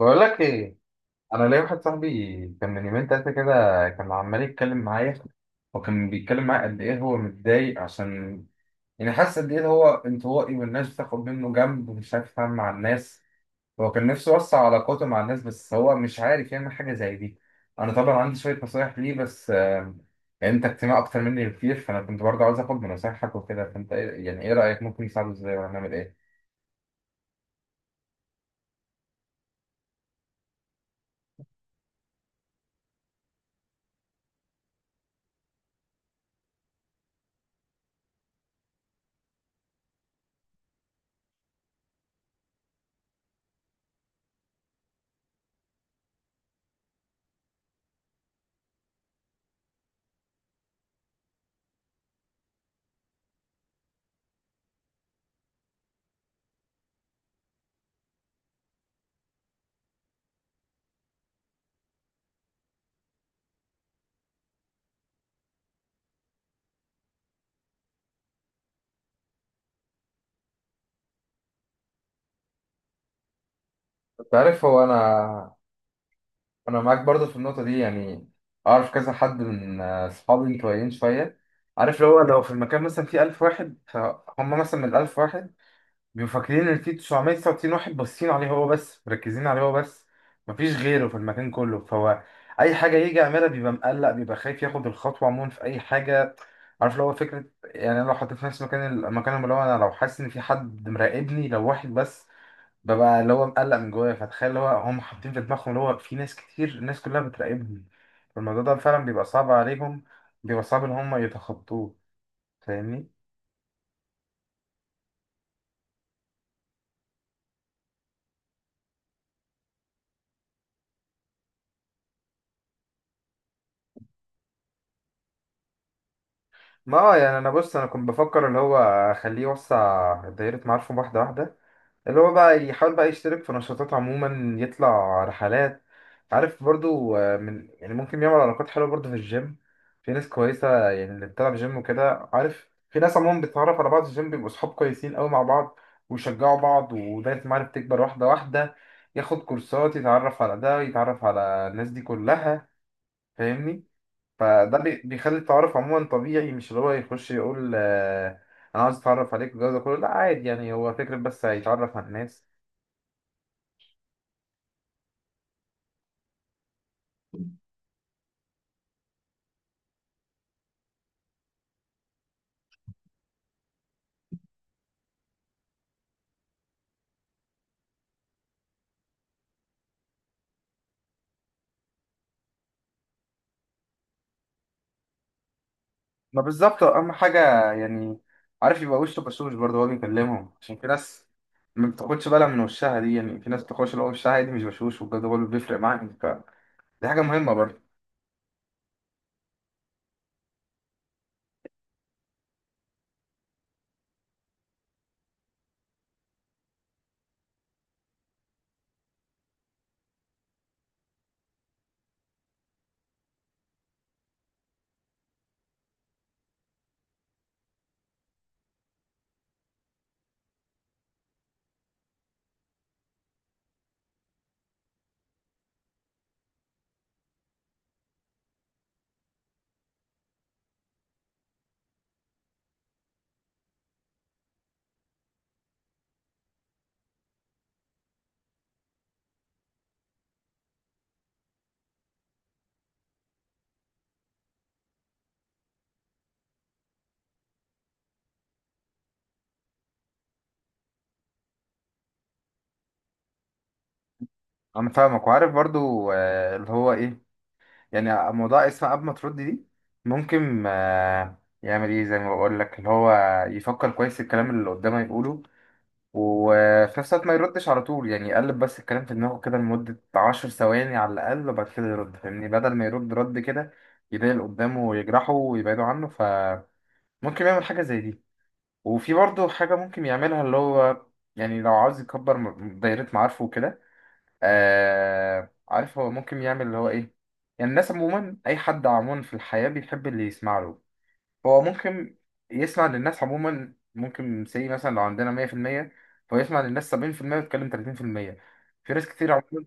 بقول لك ايه. انا ليا واحد صاحبي كان من يومين تلاته كده. كان عمال يتكلم معايا، وكان بيتكلم معايا قد ايه هو متضايق، عشان يعني حاسس قد ايه هو انطوائي والناس بتاخد منه جنب ومش عارف يتعامل مع الناس. هو كان نفسه يوسع علاقاته مع الناس، بس هو مش عارف يعمل حاجه زي دي. انا طبعا عندي شويه نصايح ليه، بس يعني انت اجتماع اكتر مني بكتير، فانا كنت برضه عاوز اخد من نصايحك وكده. فانت يعني ايه رايك؟ ممكن نساعده ازاي ولا نعمل ايه؟ انت عارف، هو انا معاك برضه في النقطه دي يعني. اعرف كذا حد من اصحابي متوقعين شويه. عارف، لو في المكان مثلا فيه 1000 واحد، فهم مثلا من ال 1000 واحد بيبقوا فاكرين ان فيه 999 واحد باصين عليه هو بس، مركزين عليه هو بس، مفيش غيره في المكان كله. فهو اي حاجه يجي يعملها بيبقى مقلق، بيبقى خايف ياخد الخطوه عموما في اي حاجه. عارف لو هو فكره، يعني أنا لو حطيت نفسي مكان المكان اللي هو انا، لو حاسس ان في حد مراقبني لو واحد بس، ببقى اللي هو مقلق من جوايا، فتخيل اللي هو هم حاطين في دماغهم اللي هو في ناس كتير، الناس كلها بتراقبهم. فالموضوع ده فعلا بيبقى صعب عليهم، بيبقى صعب ان هم يتخطوه. فاهمني. ما هو يعني انا بص، انا كنت بفكر اللي هو اخليه يوسع دايرة معارفه واحدة واحدة. اللي هو بقى يحاول بقى يشترك في نشاطات عموما، يطلع رحلات. عارف برضو، من يعني ممكن يعمل علاقات حلوة برضو في الجيم. في ناس كويسة يعني اللي بتلعب جيم وكده. عارف في ناس عموما بتتعرف على بعض في الجيم، بيبقوا صحاب كويسين قوي مع بعض ويشجعوا بعض، ودايرة المعارف تكبر واحدة واحدة. ياخد كورسات، يتعرف على ده، يتعرف على الناس دي كلها. فاهمني. فده بيخلي التعارف عموما طبيعي، مش اللي هو يخش يقول. انا عايز اتعرف عليك والجو ده كله، لا عادي يعني. هو فكرة بس، هيتعرف على الناس. ما بالظبط اهم حاجه يعني. عارف يبقى وشه بشوش برضه هو بيكلمهم، عشان في ناس ما بتاخدش بالها من وشها دي. يعني في ناس بتاخدش اللي هو وشها دي مش بشوش، وبجد هو اللي بيفرق معاك، فدي حاجه مهمه برضه. انا فاهمك وعارف برضه اللي هو ايه، يعني موضوع اسمه قبل ما ترد دي، ممكن يعمل ايه زي ما بقول لك؟ اللي هو يفكر كويس الكلام اللي قدامه يقوله، وفي نفس الوقت ما يردش على طول، يعني يقلب بس الكلام في دماغه كده لمدة عشر ثواني على الأقل، وبعد كده يرد. فاهمني، بدل ما يرد رد كده يضايق اللي قدامه ويجرحه ويبعده عنه. فممكن يعمل حاجة زي دي. وفي برضه حاجة ممكن يعملها اللي هو، يعني لو عاوز يكبر دايرة معارفه وكده. عارف هو ممكن يعمل اللي هو إيه؟ يعني الناس عموما، أي حد عموما في الحياة بيحب اللي يسمع له. هو ممكن يسمع للناس عموما. ممكن سي مثلا لو عندنا 100%، فهو يسمع للناس 70% ويتكلم 30% في المية. في ناس كتير عموما.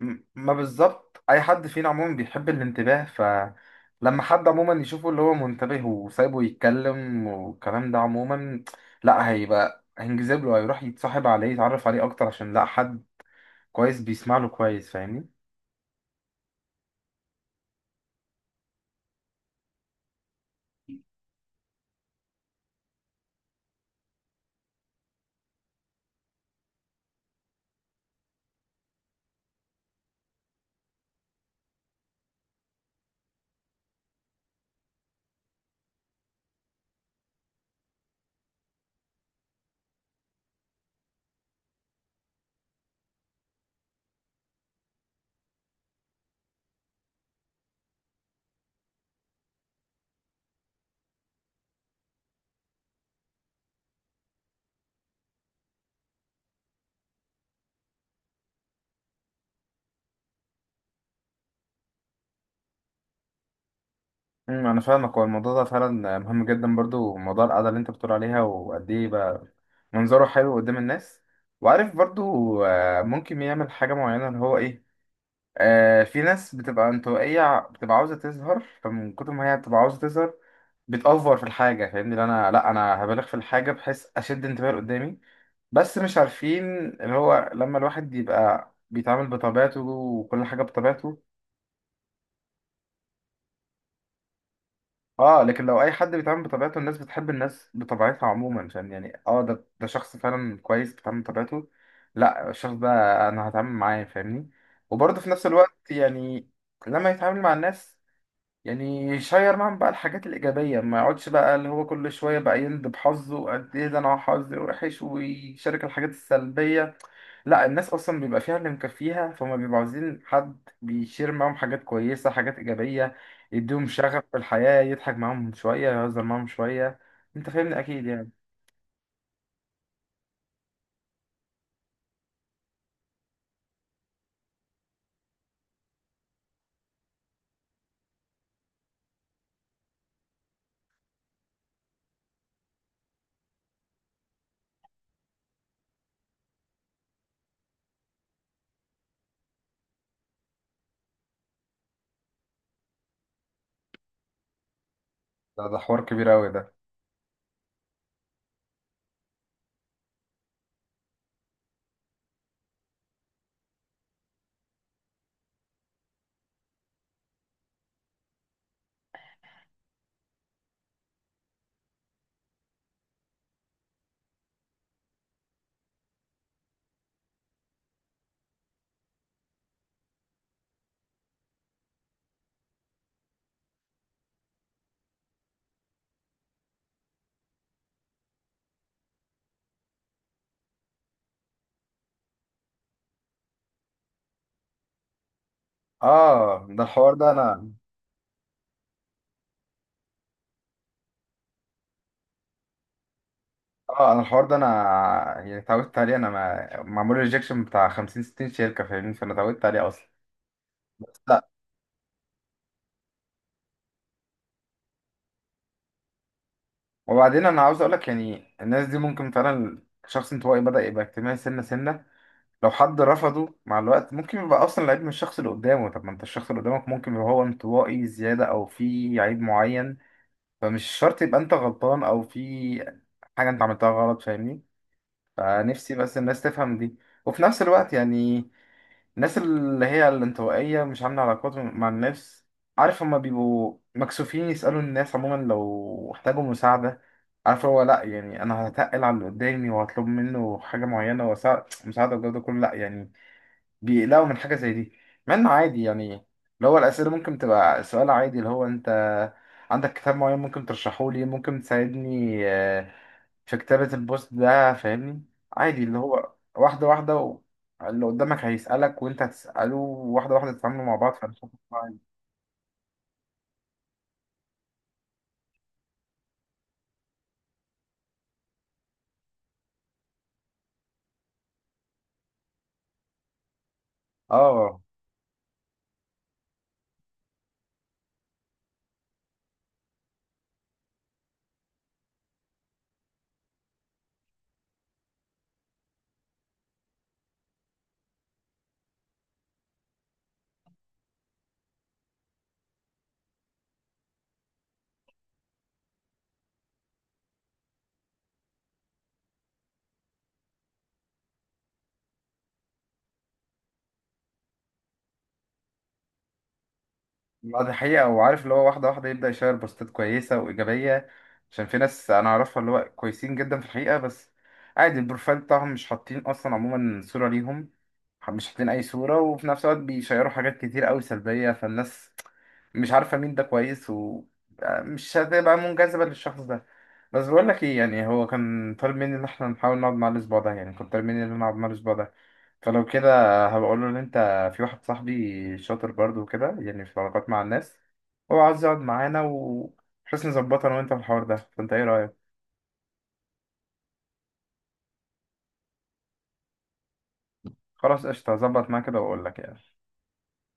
ما بالظبط، أي حد فينا عموما بيحب الانتباه. فلما حد عموما يشوفه اللي هو منتبه وسايبه يتكلم والكلام ده عموما، لا هيبقى هينجذب له، هيروح يتصاحب عليه، يتعرف عليه أكتر، عشان لا حد كويس بيسمع له كويس. امم، انا فاهمك. هو الموضوع ده فعلا مهم جدا برضو، موضوع القعده اللي انت بتقول عليها وقد ايه بقى منظره حلو قدام الناس. وعارف برضو، ممكن يعمل حاجه معينه اللي هو ايه. في ناس بتبقى انطوائيه بتبقى عاوزه تظهر، فمن كتر ما هي بتبقى عاوزه تظهر بتأفور في الحاجه. فاهمني، اللي انا لا انا هبالغ في الحاجه بحيث اشد انتباه اللي قدامي، بس مش عارفين اللي هو لما الواحد يبقى بيتعامل بطبيعته وكل حاجه بطبيعته. اه، لكن لو اي حد بيتعامل بطبيعته الناس بتحب الناس بطبيعتها عموما، عشان يعني اه ده شخص فعلا كويس بيتعامل بطبيعته، لا الشخص ده انا هتعامل معاه. فاهمني. وبرضه في نفس الوقت يعني لما يتعامل مع الناس، يعني شير معاهم بقى الحاجات الإيجابية. ما يقعدش بقى اللي هو كل شوية بقى يند بحظه وقد إيه ده أنا حظي وحش ويشارك الحاجات السلبية. لا، الناس أصلا بيبقى فيها اللي مكفيها، فهم بيبقوا عايزين حد بيشير معاهم حاجات كويسة، حاجات إيجابية، يديهم شغف في الحياة، يضحك معاهم شوية، يهزر معاهم شوية. أنت فاهمني أكيد يعني. ده حوار كبير أوي ده. آه ده الحوار ده أنا آه أنا الحوار ده أنا، يعني اتعودت عليه. أنا ما معمول ريجكشن بتاع 50 60 شركة، فاهمني، فأنا اتعودت عليه أصلا. بس لا، وبعدين انا عاوز اقولك يعني الناس دي ممكن فعلا شخص انطوائي بدأ يبقى اجتماعي سنة سنة، لو حد رفضه مع الوقت ممكن يبقى اصلا العيب من الشخص اللي قدامه. طب ما انت الشخص اللي قدامك ممكن يبقى هو انطوائي زيادة او في عيب معين، فمش شرط يبقى انت غلطان او في حاجة انت عملتها غلط. فاهمني، فنفسي بس الناس تفهم دي. وفي نفس الوقت يعني الناس اللي هي الانطوائية مش عاملة علاقات مع الناس، عارف هما بيبقوا مكسوفين يسألوا الناس عموما لو احتاجوا مساعدة. عارف هو لأ، يعني أنا هتقل على اللي قدامي وهطلب منه حاجة معينة ومساعدة والجو ده كله، لأ يعني. بيقلقوا من حاجة زي دي مع انه عادي يعني. اللي هو الأسئلة ممكن تبقى سؤال عادي اللي هو انت عندك كتاب معين ممكن ترشحه لي، ممكن تساعدني في كتابة البوست ده. فاهمني، عادي اللي هو واحدة واحدة اللي قدامك هيسألك وانت هتسأله واحدة واحدة، تتعاملوا مع بعض، فانا شايف إنه عادي. اه، ما دي حقيقة. وعارف اللي هو واحدة واحدة يبدأ يشير بوستات كويسة وإيجابية، عشان في ناس أنا أعرفها اللي هو كويسين جدا في الحقيقة، بس عادي البروفايل بتاعهم مش حاطين أصلا عموما صورة ليهم، مش حاطين أي صورة، وفي نفس الوقت بيشيروا حاجات كتير أوي سلبية، فالناس مش عارفة مين ده كويس، ومش هتبقى منجذبة للشخص ده. بس بقول لك إيه، يعني هو كان طالب مني إن إحنا نحاول نقعد معاه الأسبوع ده، يعني كنت طالب مني إن أنا أقعد معاه الأسبوع ده. فلو كده هبقول له ان انت في واحد صاحبي شاطر برضو وكده، يعني في العلاقات مع الناس، هو عاوز يقعد معانا و بحيث نظبطها انا وانت في الحوار ده. فانت ايه رأيك؟ خلاص قشطة، هظبط معاه كده واقول لك يعني.